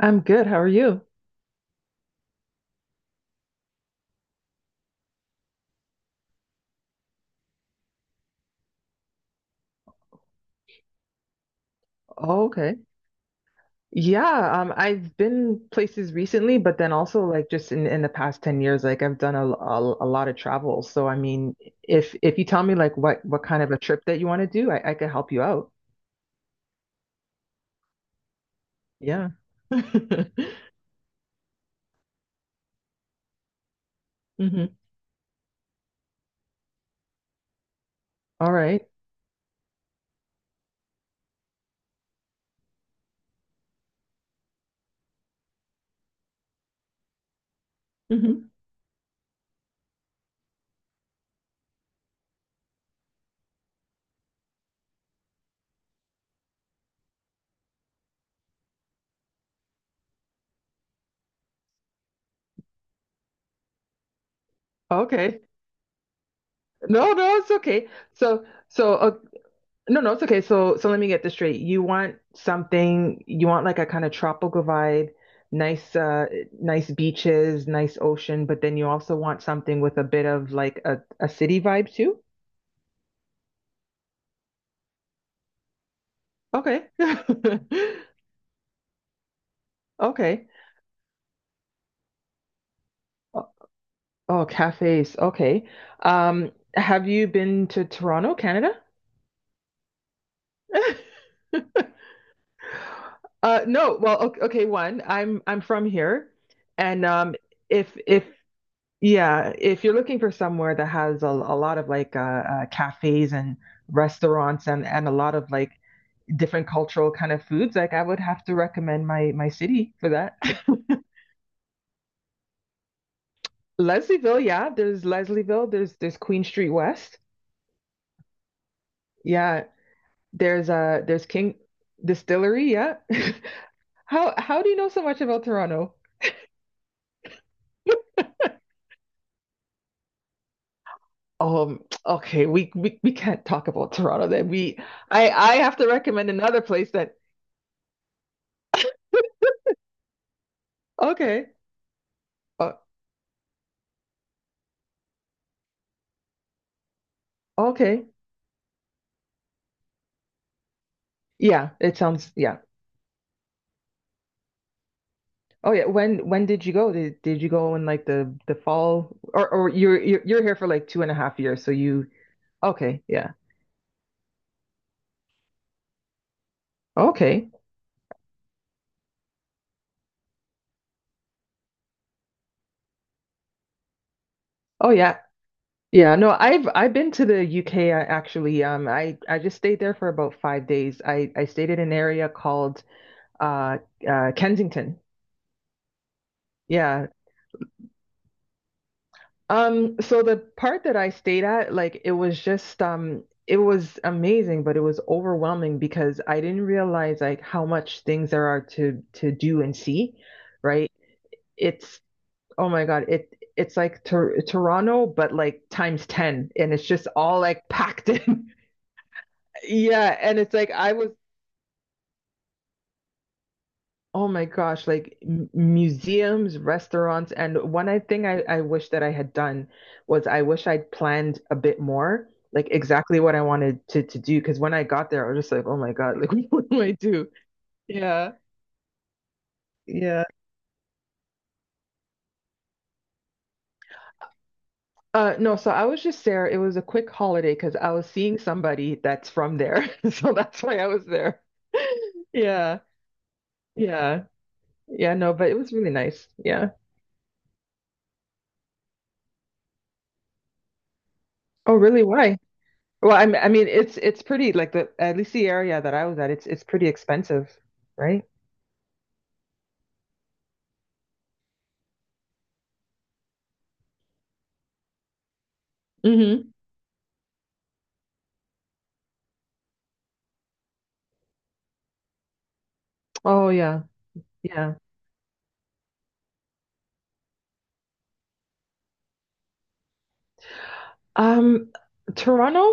I'm good. How are you? Oh, okay. Yeah, I've been places recently, but then also like just in the past 10 years, like I've done a lot of travel. So I mean, if you tell me like what kind of a trip that you want to do, I could help you out. Yeah. Mm-hmm. All right. Mm-hmm. Okay. No, no, it's okay. So No, no, it's okay. So, let me get this straight. You want something, you want like a kind of tropical vibe, nice, nice beaches, nice ocean, but then you also want something with a bit of like a city vibe too? Okay. Okay. Oh, oh, cafes. Okay. Have you been to Toronto, Canada? No. Well, okay, okay. One, I'm from here, and if yeah, if you're looking for somewhere that has a lot of like cafes and restaurants and a lot of like different cultural kind of foods, like I would have to recommend my city for that. Leslieville, yeah, there's Leslieville, there's Queen Street West. Yeah, there's King Distillery, yeah. How do you know so much about Toronto? Okay, we can't talk about Toronto then. We I have to recommend another place that okay. Uh, okay. Yeah, it sounds yeah. Oh yeah, when did you go? Did you go in like the fall, or you're here for like 2.5 years, so you okay, yeah. Okay. Oh yeah. Yeah, no, I've been to the UK actually. Um, I just stayed there for about 5 days. I stayed in an area called uh Kensington. Yeah. So the part that I stayed at, like it was just it was amazing, but it was overwhelming because I didn't realize like how much things there are to do and see, right? It's oh my God, it's like Tor Toronto, but like times 10, and it's just all like packed in. Yeah, and it's like I was oh my gosh, like m museums, restaurants, and one I thing I wish that I had done was I wish I'd planned a bit more, like exactly what I wanted to do. Because when I got there, I was just like, oh my God, like what do I do? Yeah, yeah. No, so I was just there. It was a quick holiday because I was seeing somebody that's from there, so that's why I was there. Yeah, yeah, yeah. No, but it was really nice. Yeah. Oh, really? Why? Well, I mean, it's pretty like the at least the area that I was at, it's pretty expensive, right? Mm-hmm. Oh yeah, yeah. Um, Toronto.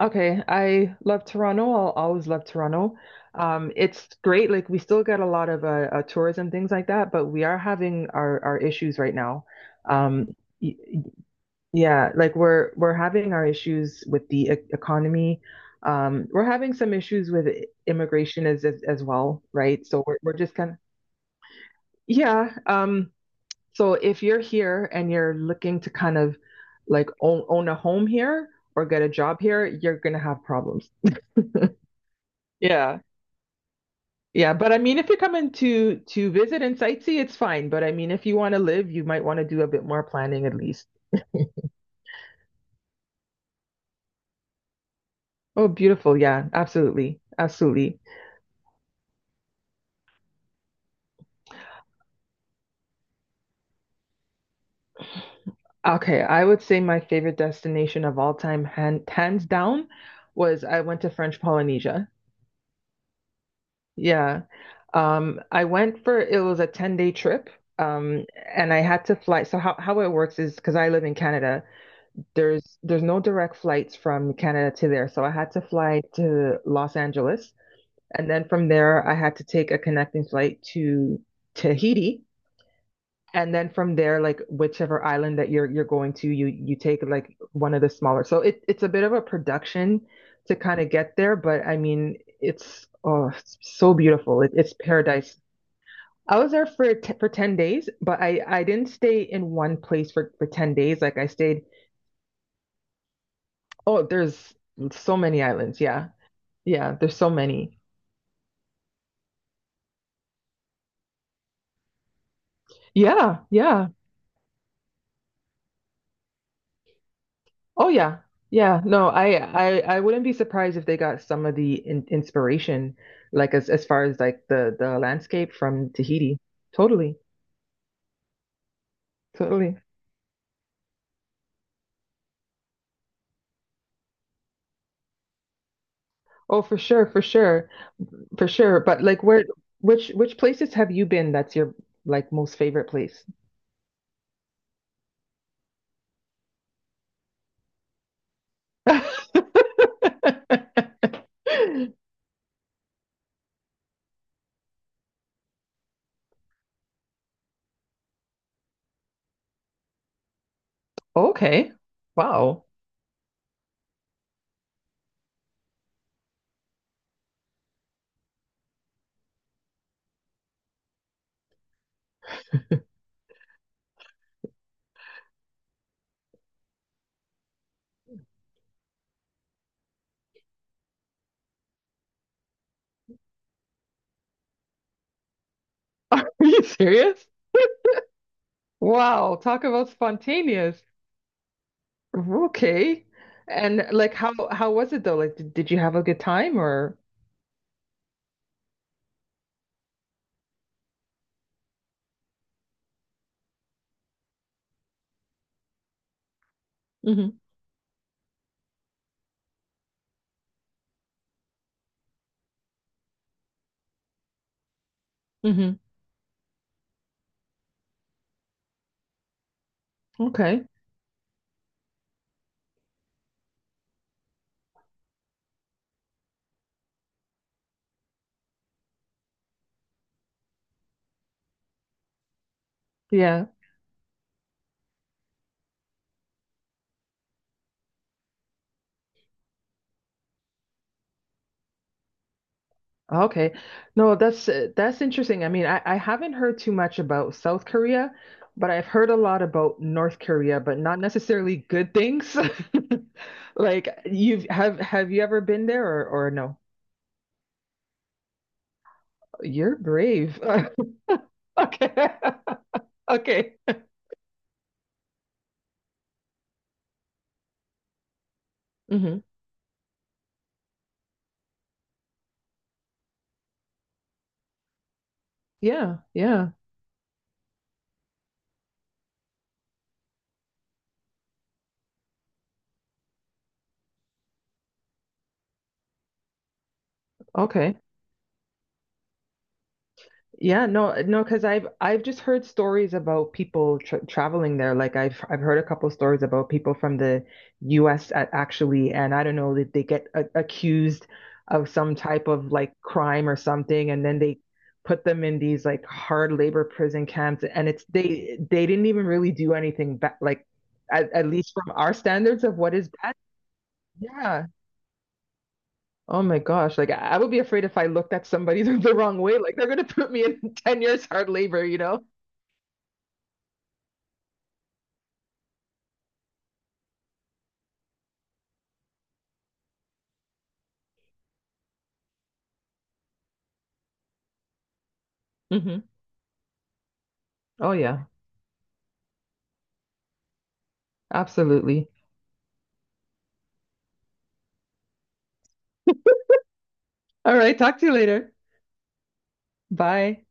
Okay, I love Toronto. I'll always love Toronto. It's great. Like we still get a lot of tourism things like that, but we are having our issues right now. Um, y- Yeah, like we're having our issues with the e economy. We're having some issues with immigration as well, right? So we're just kind of yeah. So if you're here and you're looking to kind of like own a home here or get a job here, you're gonna have problems. Yeah. Yeah, but I mean, if you're coming to visit and sightsee, it's fine. But I mean, if you want to live, you might want to do a bit more planning at least. Oh, beautiful. Yeah, absolutely. Absolutely. Okay, I would say my favorite destination of all time, hands down, was I went to French Polynesia. Yeah. I went for it was a 10-day trip. Um, and I had to fly. So how it works is because I live in Canada, there's no direct flights from Canada to there. So I had to fly to Los Angeles, and then from there I had to take a connecting flight to Tahiti. And then from there, like whichever island that you're going to, you take like one of the smaller. So it's a bit of a production to kind of get there, but I mean, it's oh, it's so beautiful. It's paradise. I was there for t for 10 days, but I didn't stay in one place for 10 days. Like I stayed, oh, there's so many islands. Yeah. Yeah, there's so many. Yeah, yeah. Oh yeah. Yeah. No, I wouldn't be surprised if they got some of the in inspiration like as far as like the landscape from Tahiti. Totally. Totally. Oh, for sure, for sure. For sure. But like where which places have you been that's your like most favorite place? Okay. Wow. Are you serious? Wow, talk about spontaneous. Okay. And like how was it though? Like did you have a good time or? Hmm. Okay. Yeah. Okay. No, that's interesting. I mean, I haven't heard too much about South Korea, but I've heard a lot about North Korea, but not necessarily good things. Like you've have you ever been there or no? You're brave. Okay. Okay. Hmm. Yeah. Yeah. Okay. Yeah, no, no, because I've just heard stories about people traveling there. Like I've heard a couple stories about people from the U.S. at actually, and I don't know that they get a accused of some type of like crime or something, and then they put them in these like hard labor prison camps, and it's they didn't even really do anything bad, like at least from our standards of what is bad. Yeah. Oh my gosh, like I would be afraid if I looked at somebody the wrong way, like they're gonna put me in 10 years hard labor, you know? Hmm. Oh, yeah, absolutely. All right, talk to you later. Bye.